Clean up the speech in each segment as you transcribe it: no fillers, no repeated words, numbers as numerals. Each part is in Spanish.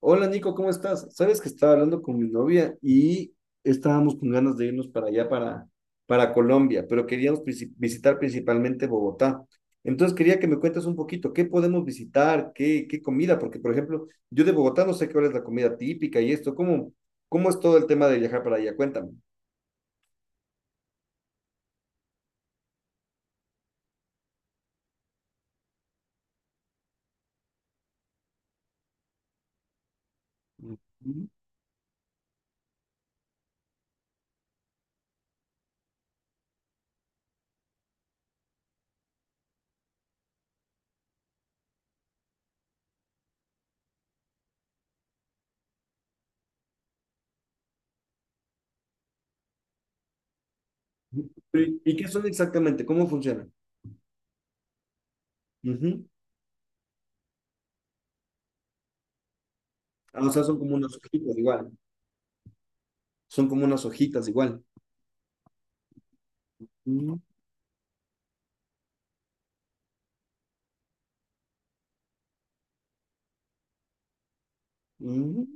Hola Nico, ¿cómo estás? Sabes que estaba hablando con mi novia y estábamos con ganas de irnos para allá, para Colombia, pero queríamos visitar principalmente Bogotá. Entonces quería que me cuentes un poquito qué podemos visitar, qué comida, porque por ejemplo, yo de Bogotá no sé cuál es la comida típica y esto, ¿cómo es todo el tema de viajar para allá? Cuéntame. Ujú. ¿Y qué son exactamente? ¿Cómo funcionan? Ujú. Ah, o sea, son como unas hojitas igual. Ujú. Ujú.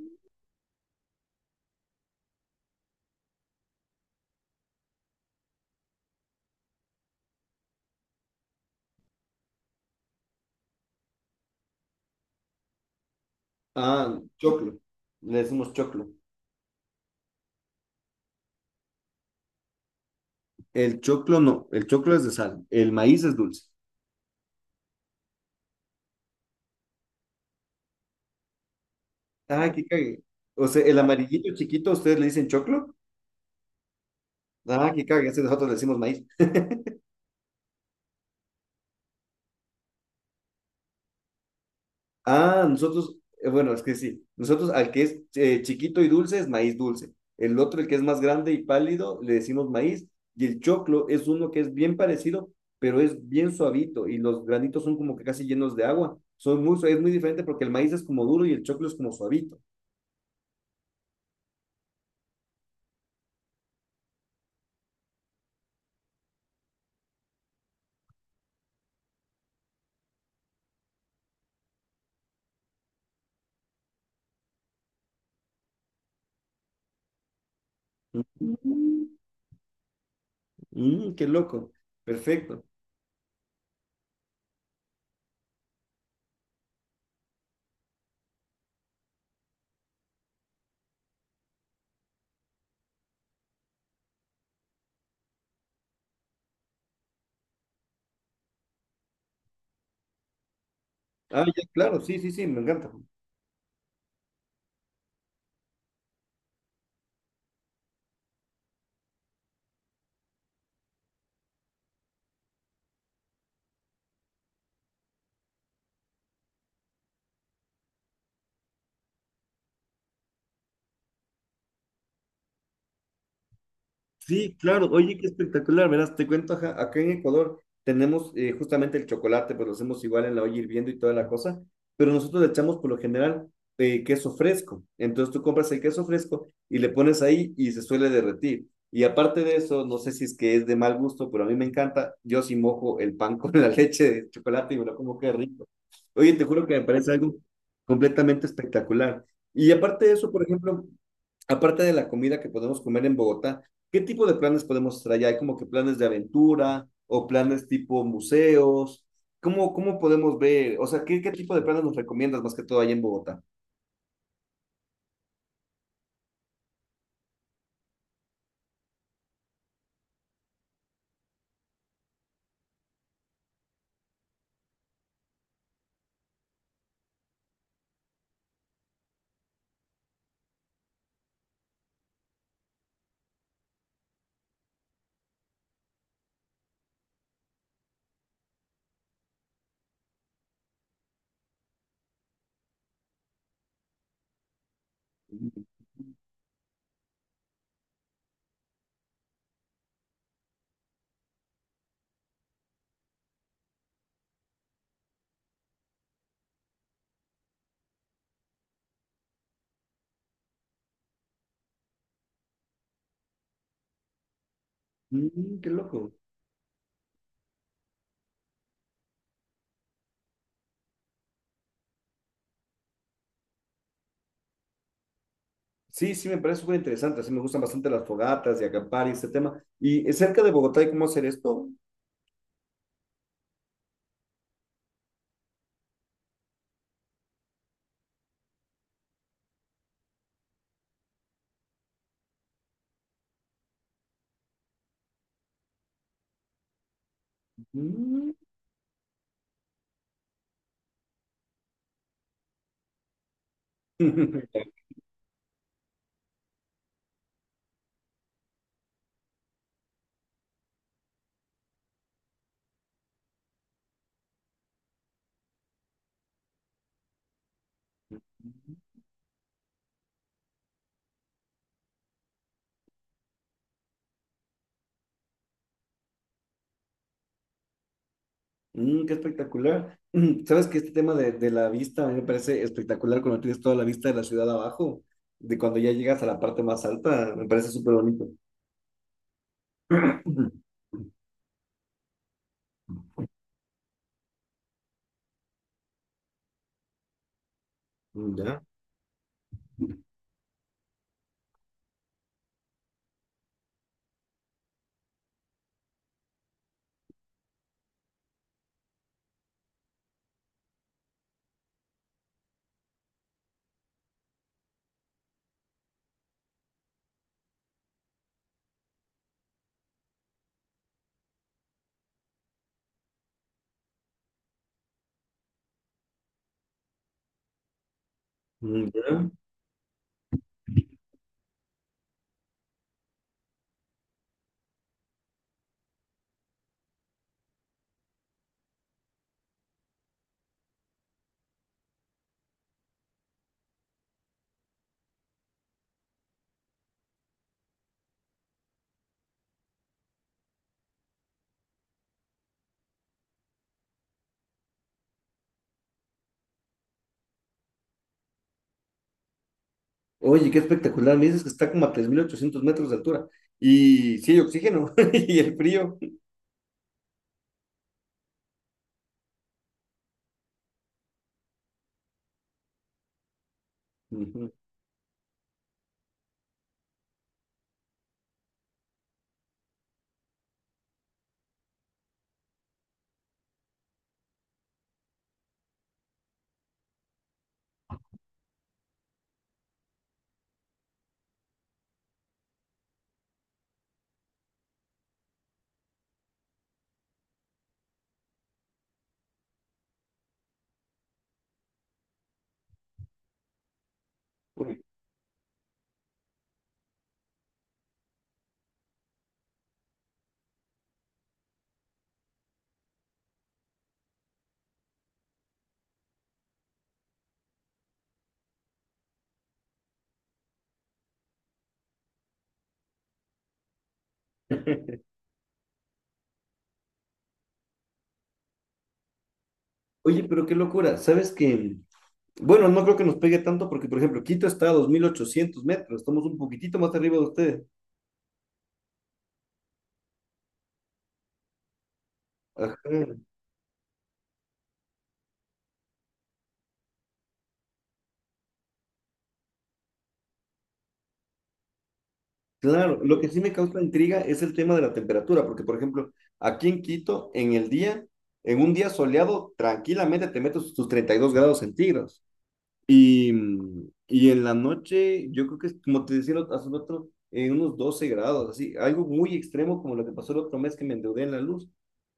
Ah, choclo. Le decimos choclo. El choclo no, el choclo es de sal, el maíz es dulce. Ah, que cague. O sea, el amarillito chiquito, ¿ustedes le dicen choclo? Ah, que cague, ese nosotros le decimos maíz. Ah, nosotros, bueno, es que sí, nosotros al que es chiquito y dulce es maíz dulce. El otro, el que es más grande y pálido, le decimos maíz. Y el choclo es uno que es bien parecido, pero es bien suavito y los granitos son como que casi llenos de agua. Es muy diferente porque el maíz es como duro y el choclo es como suavito. Mm, mm, qué loco. Perfecto. Ah, ya, claro, sí, sí, sí, me encanta. Sí, claro. Oye, qué espectacular. Verás, te cuento, ajá, acá en Ecuador tenemos justamente el chocolate, pues lo hacemos igual en la olla hirviendo y toda la cosa, pero nosotros le echamos por lo general queso fresco. Entonces tú compras el queso fresco y le pones ahí y se suele derretir. Y aparte de eso, no sé si es que es de mal gusto, pero a mí me encanta. Yo sí mojo el pan con la leche de chocolate y me lo como qué rico. Oye, te juro que me parece algo completamente espectacular. Y aparte de eso, por ejemplo, aparte de la comida que podemos comer en Bogotá, ¿qué tipo de planes podemos traer? ¿Hay como que planes de aventura o planes tipo museos? ¿Cómo podemos ver? O sea, ¿qué tipo de planes nos recomiendas más que todo allá en Bogotá? Mm, qué loco. Sí, sí, me parece súper interesante. Así me gustan bastante las fogatas y acampar y este tema. ¿Y cerca de Bogotá hay cómo hacer esto? Mm. Mm, qué espectacular. Mm, ¿sabes que este tema de la vista a mí me parece espectacular cuando tienes toda la vista de la ciudad abajo? De cuando ya llegas a la parte más alta, me parece súper bonito. Mm, ya, mm, ya. Oye, qué espectacular. Me dices que está como a 3800 metros de altura. Y sí, hay oxígeno y el frío. Ujú. Oye, pero qué locura. ¿Sabes que, bueno, no creo que nos pegue tanto porque, por ejemplo, Quito está a 2800 metros. Estamos un poquitito más arriba de ustedes. Ajá. Claro, lo que sí me causa intriga es el tema de la temperatura, porque, por ejemplo, aquí en Quito, en un día soleado, tranquilamente te metes tus 32 grados centígrados. Y, mm, y en la noche, yo creo que, es, como te decía hace rato, en unos 12 grados, así, algo muy extremo como lo que pasó el otro mes que me endeudé en la luz,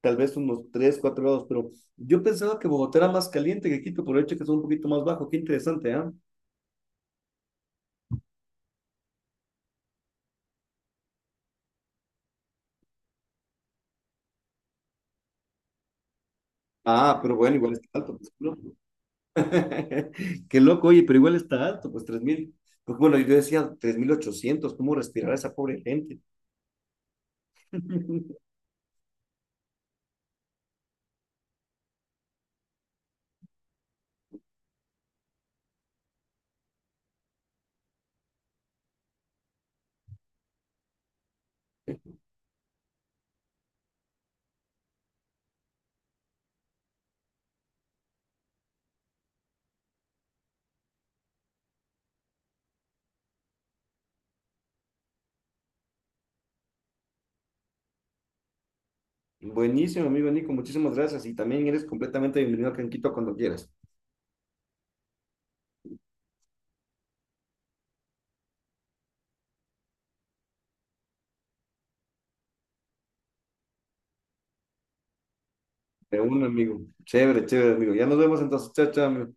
tal vez unos 3 4 grados, pero yo pensaba que Bogotá era más caliente que Quito, por el hecho que es un poquito más bajo, qué interesante, ¿ah? Ah, pero bueno, igual está alto, pues, loco. Qué loco, oye, pero igual está alto, pues tres mil. Pues bueno, yo decía 3800, ¿cómo respirar esa pobre gente? Buenísimo, amigo Nico, muchísimas gracias y también eres completamente bienvenido a Canquito cuando quieras. De un amigo. Chévere, chévere, amigo. Ya nos vemos entonces. Chao, chao, amigo.